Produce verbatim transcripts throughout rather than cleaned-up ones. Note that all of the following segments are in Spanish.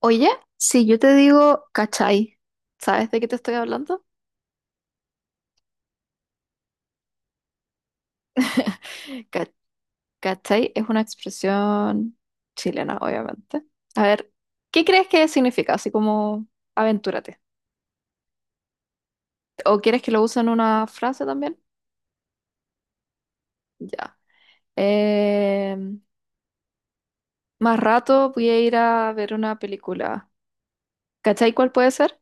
Oye, si yo te digo cachai, ¿sabes de qué te estoy hablando? Ca- Cachai es una expresión chilena, obviamente. A ver, ¿qué crees que significa? Así como aventúrate. ¿O quieres que lo use en una frase también? Ya. Eh, Más rato voy a ir a ver una película. ¿Cachai cuál puede ser?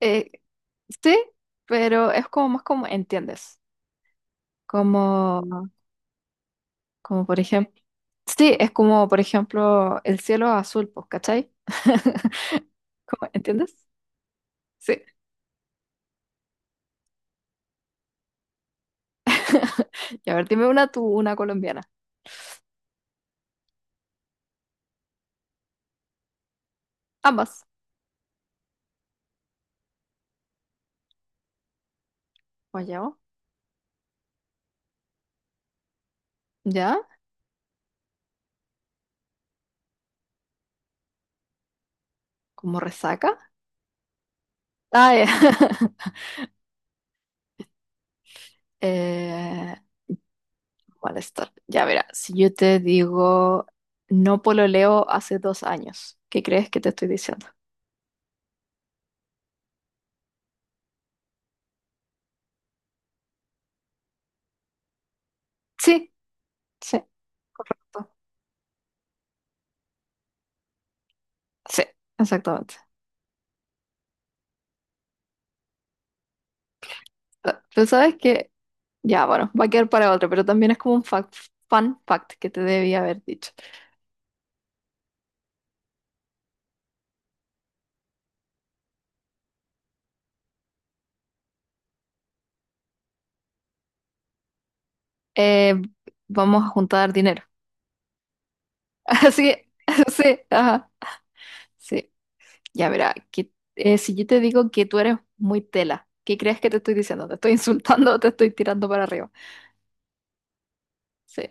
Eh, sí, pero es como más como entiendes. Como Como por ejemplo, sí, es como por ejemplo el cielo azul, pues, ¿cachai? ¿Cómo? ¿Entiendes? Sí. Y a ver, dime una tú, una colombiana. Ambas. Guayabo. ¿Ya? ¿Como resaca? Ah, ya. Eh, Malestar. Ya verá, si yo te digo no pololeo hace dos años, ¿qué crees que te estoy diciendo? Sí, sí, correcto. Sí, exactamente. Pero, pero sabes que ya, bueno, va a quedar para otro, pero también es como un fact, fun fact que te debía haber dicho. Eh, Vamos a juntar dinero. Así, sí, ajá. Sí, ya verá, que, eh, si yo te digo que tú eres muy tela, ¿qué crees que te estoy diciendo? ¿Te estoy insultando o te estoy tirando para arriba? Sí.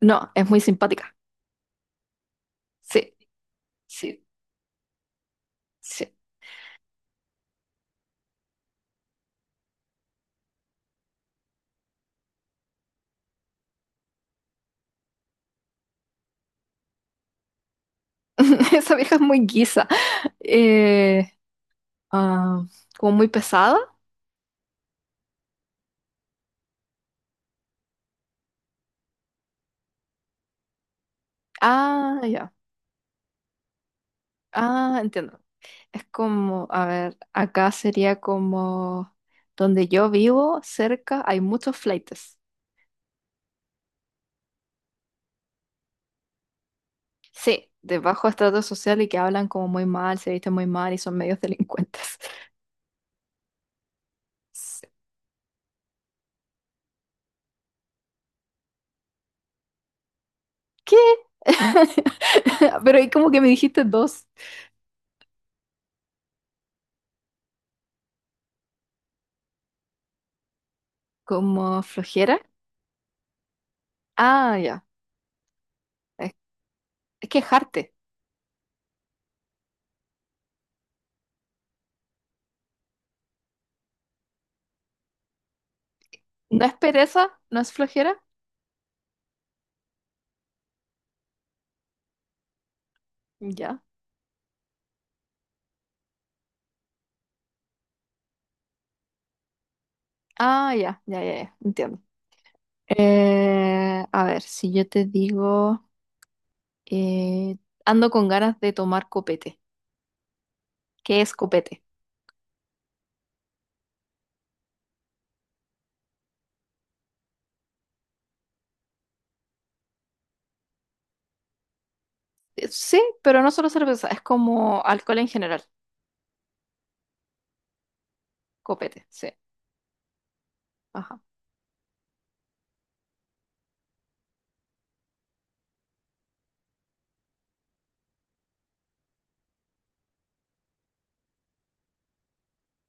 No, es muy simpática. Sí, sí, sí. Esa vieja es muy guisa. Eh, ah, Como muy pesada. Ah, ya. Ah, entiendo. Es como, a ver, acá sería como donde yo vivo, cerca, hay muchos flaites. Sí, de bajo estrato social y que hablan como muy mal, se visten muy mal y son medios delincuentes. S- ¿Qué? Pero ahí como que me dijiste dos, como flojera. Ah, ya. Es, es quejarte. ¿No es pereza? ¿No es flojera? Ya. Ah, ya, ya, ya, ya. Entiendo. Eh, a ver, si yo te digo. Eh, Ando con ganas de tomar copete. ¿Qué es copete? Eh, Sí, pero no solo cerveza, es como alcohol en general. Copete, sí. Ajá.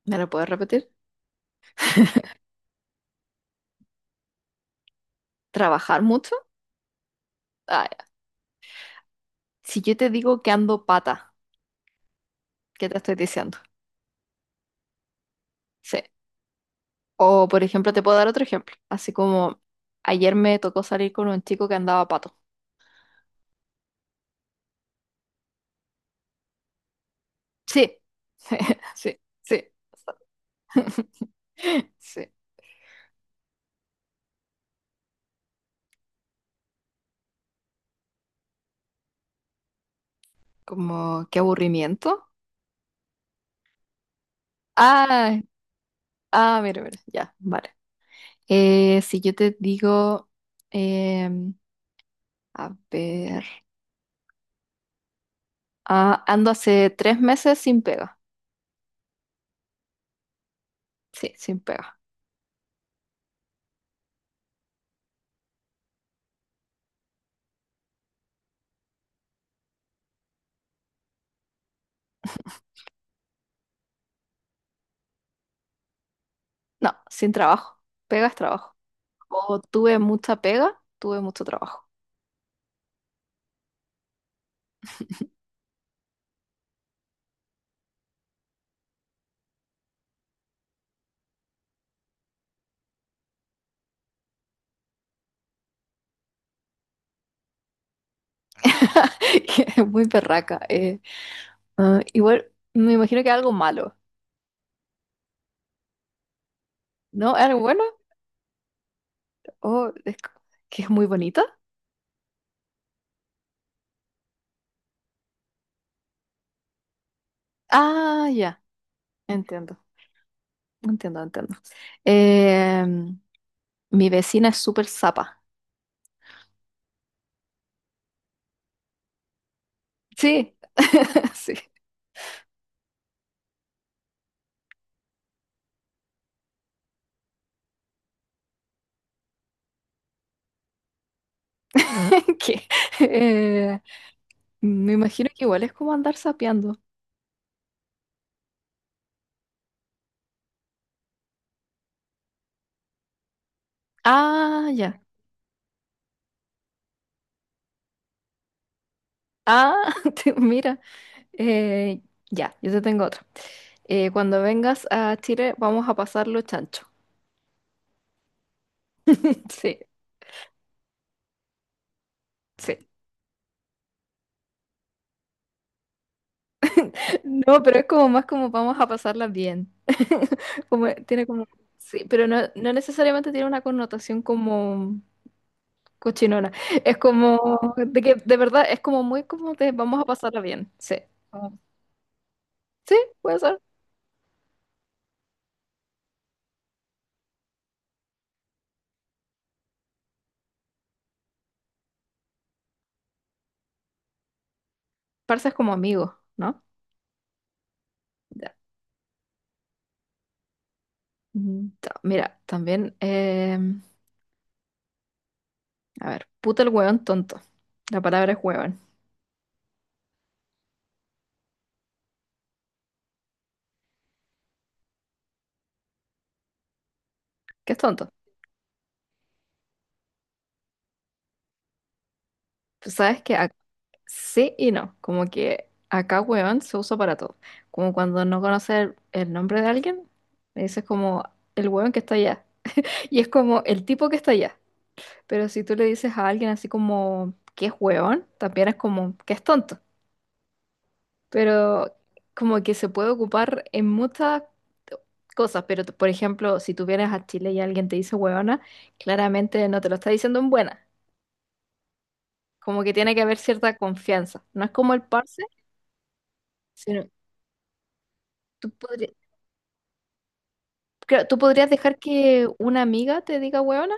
¿Me lo puedes repetir? ¿Trabajar mucho? Ah, ya. Si yo te digo que ando pata, ¿qué te estoy diciendo? Sí. O, por ejemplo, te puedo dar otro ejemplo. Así como ayer me tocó salir con un chico que andaba pato. Sí. Sí, sí, sí. Sí. Como, qué aburrimiento. Ah, ah, mira, mira, ya, vale. Eh, si yo te digo, em, a ver, ah, ando hace tres meses sin pega. Sí, sin pega. No, sin trabajo. Pega es trabajo. O tuve mucha pega, tuve mucho trabajo. Que es muy perraca. eh. Ah, igual, me imagino que algo malo, ¿no? ¿Algo bueno? ¿O es co- que es muy bonita? Ah, ya, entiendo, entiendo, entiendo. Em, Mi vecina es súper zapa. Sí, sí. Que, eh, me imagino que igual es como andar sapeando. Ah, ya. Ah, te- mira. Eh, ya, yo te tengo otro. Eh, cuando vengas a Chile vamos a pasarlo chancho. Sí, sí. No, pero es como más como vamos a pasarla bien. Como, tiene como... Sí, pero no, no necesariamente tiene una connotación como cochinona. Es como de que de verdad es como muy como de vamos a pasarla bien. Sí. Como- Sí, puede ser. ¿Parsas como amigos, no? Ya. Ujú. Ta- Mira, también, eh, a ver, puta el hueón tonto. La palabra es hueón. ¿Qué es tonto? Pues sabes que ac- sí y no. Como que acá hueón se usa para todo. Como cuando no conoces el, el nombre de alguien, le dices como el hueón que está allá. Y es como el tipo que está allá. Pero si tú le dices a alguien así como que es hueón, también es como que es tonto. Pero como que se puede ocupar en muchas cosas, pero t- por ejemplo, si tú vienes a Chile y alguien te dice huevona, claramente no te lo está diciendo en buena, como que tiene que haber cierta confianza, no es como el parce, sino tú podrías, tú podrías dejar que una amiga te diga huevona,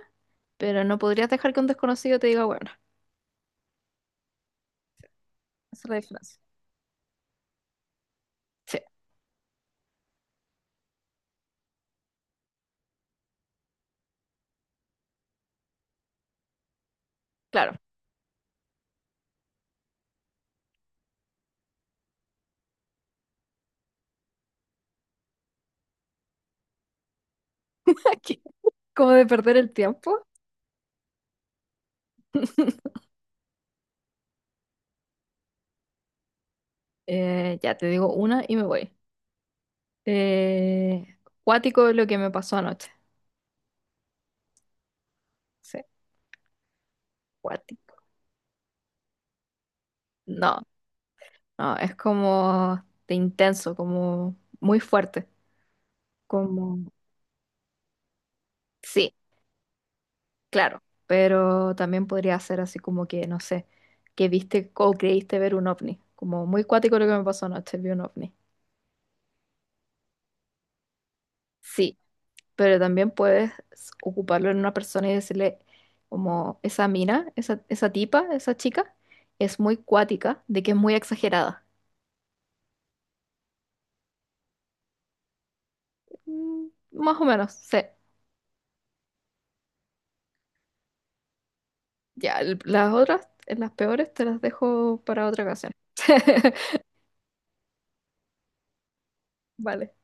pero no podrías dejar que un desconocido te diga huevona, esa es la diferencia. Sí, claro, aquí, como de perder el tiempo, eh, ya te digo una y me voy. Eh, Cuático es lo que me pasó anoche. Sí, cuático. No, no, es como de intenso, como muy fuerte. Como, sí, claro, pero también podría ser así como que, no sé, que viste o creíste ver un ovni. Como muy cuático lo que me pasó anoche, vi un ovni. Sí, pero también puedes ocuparlo en una persona y decirle, como, esa mina, esa, esa tipa, esa chica, es muy cuática, de que es muy exagerada. Mm, más o menos, sí. Ya, el- las otras, las peores, te las dejo para otra ocasión. Vale.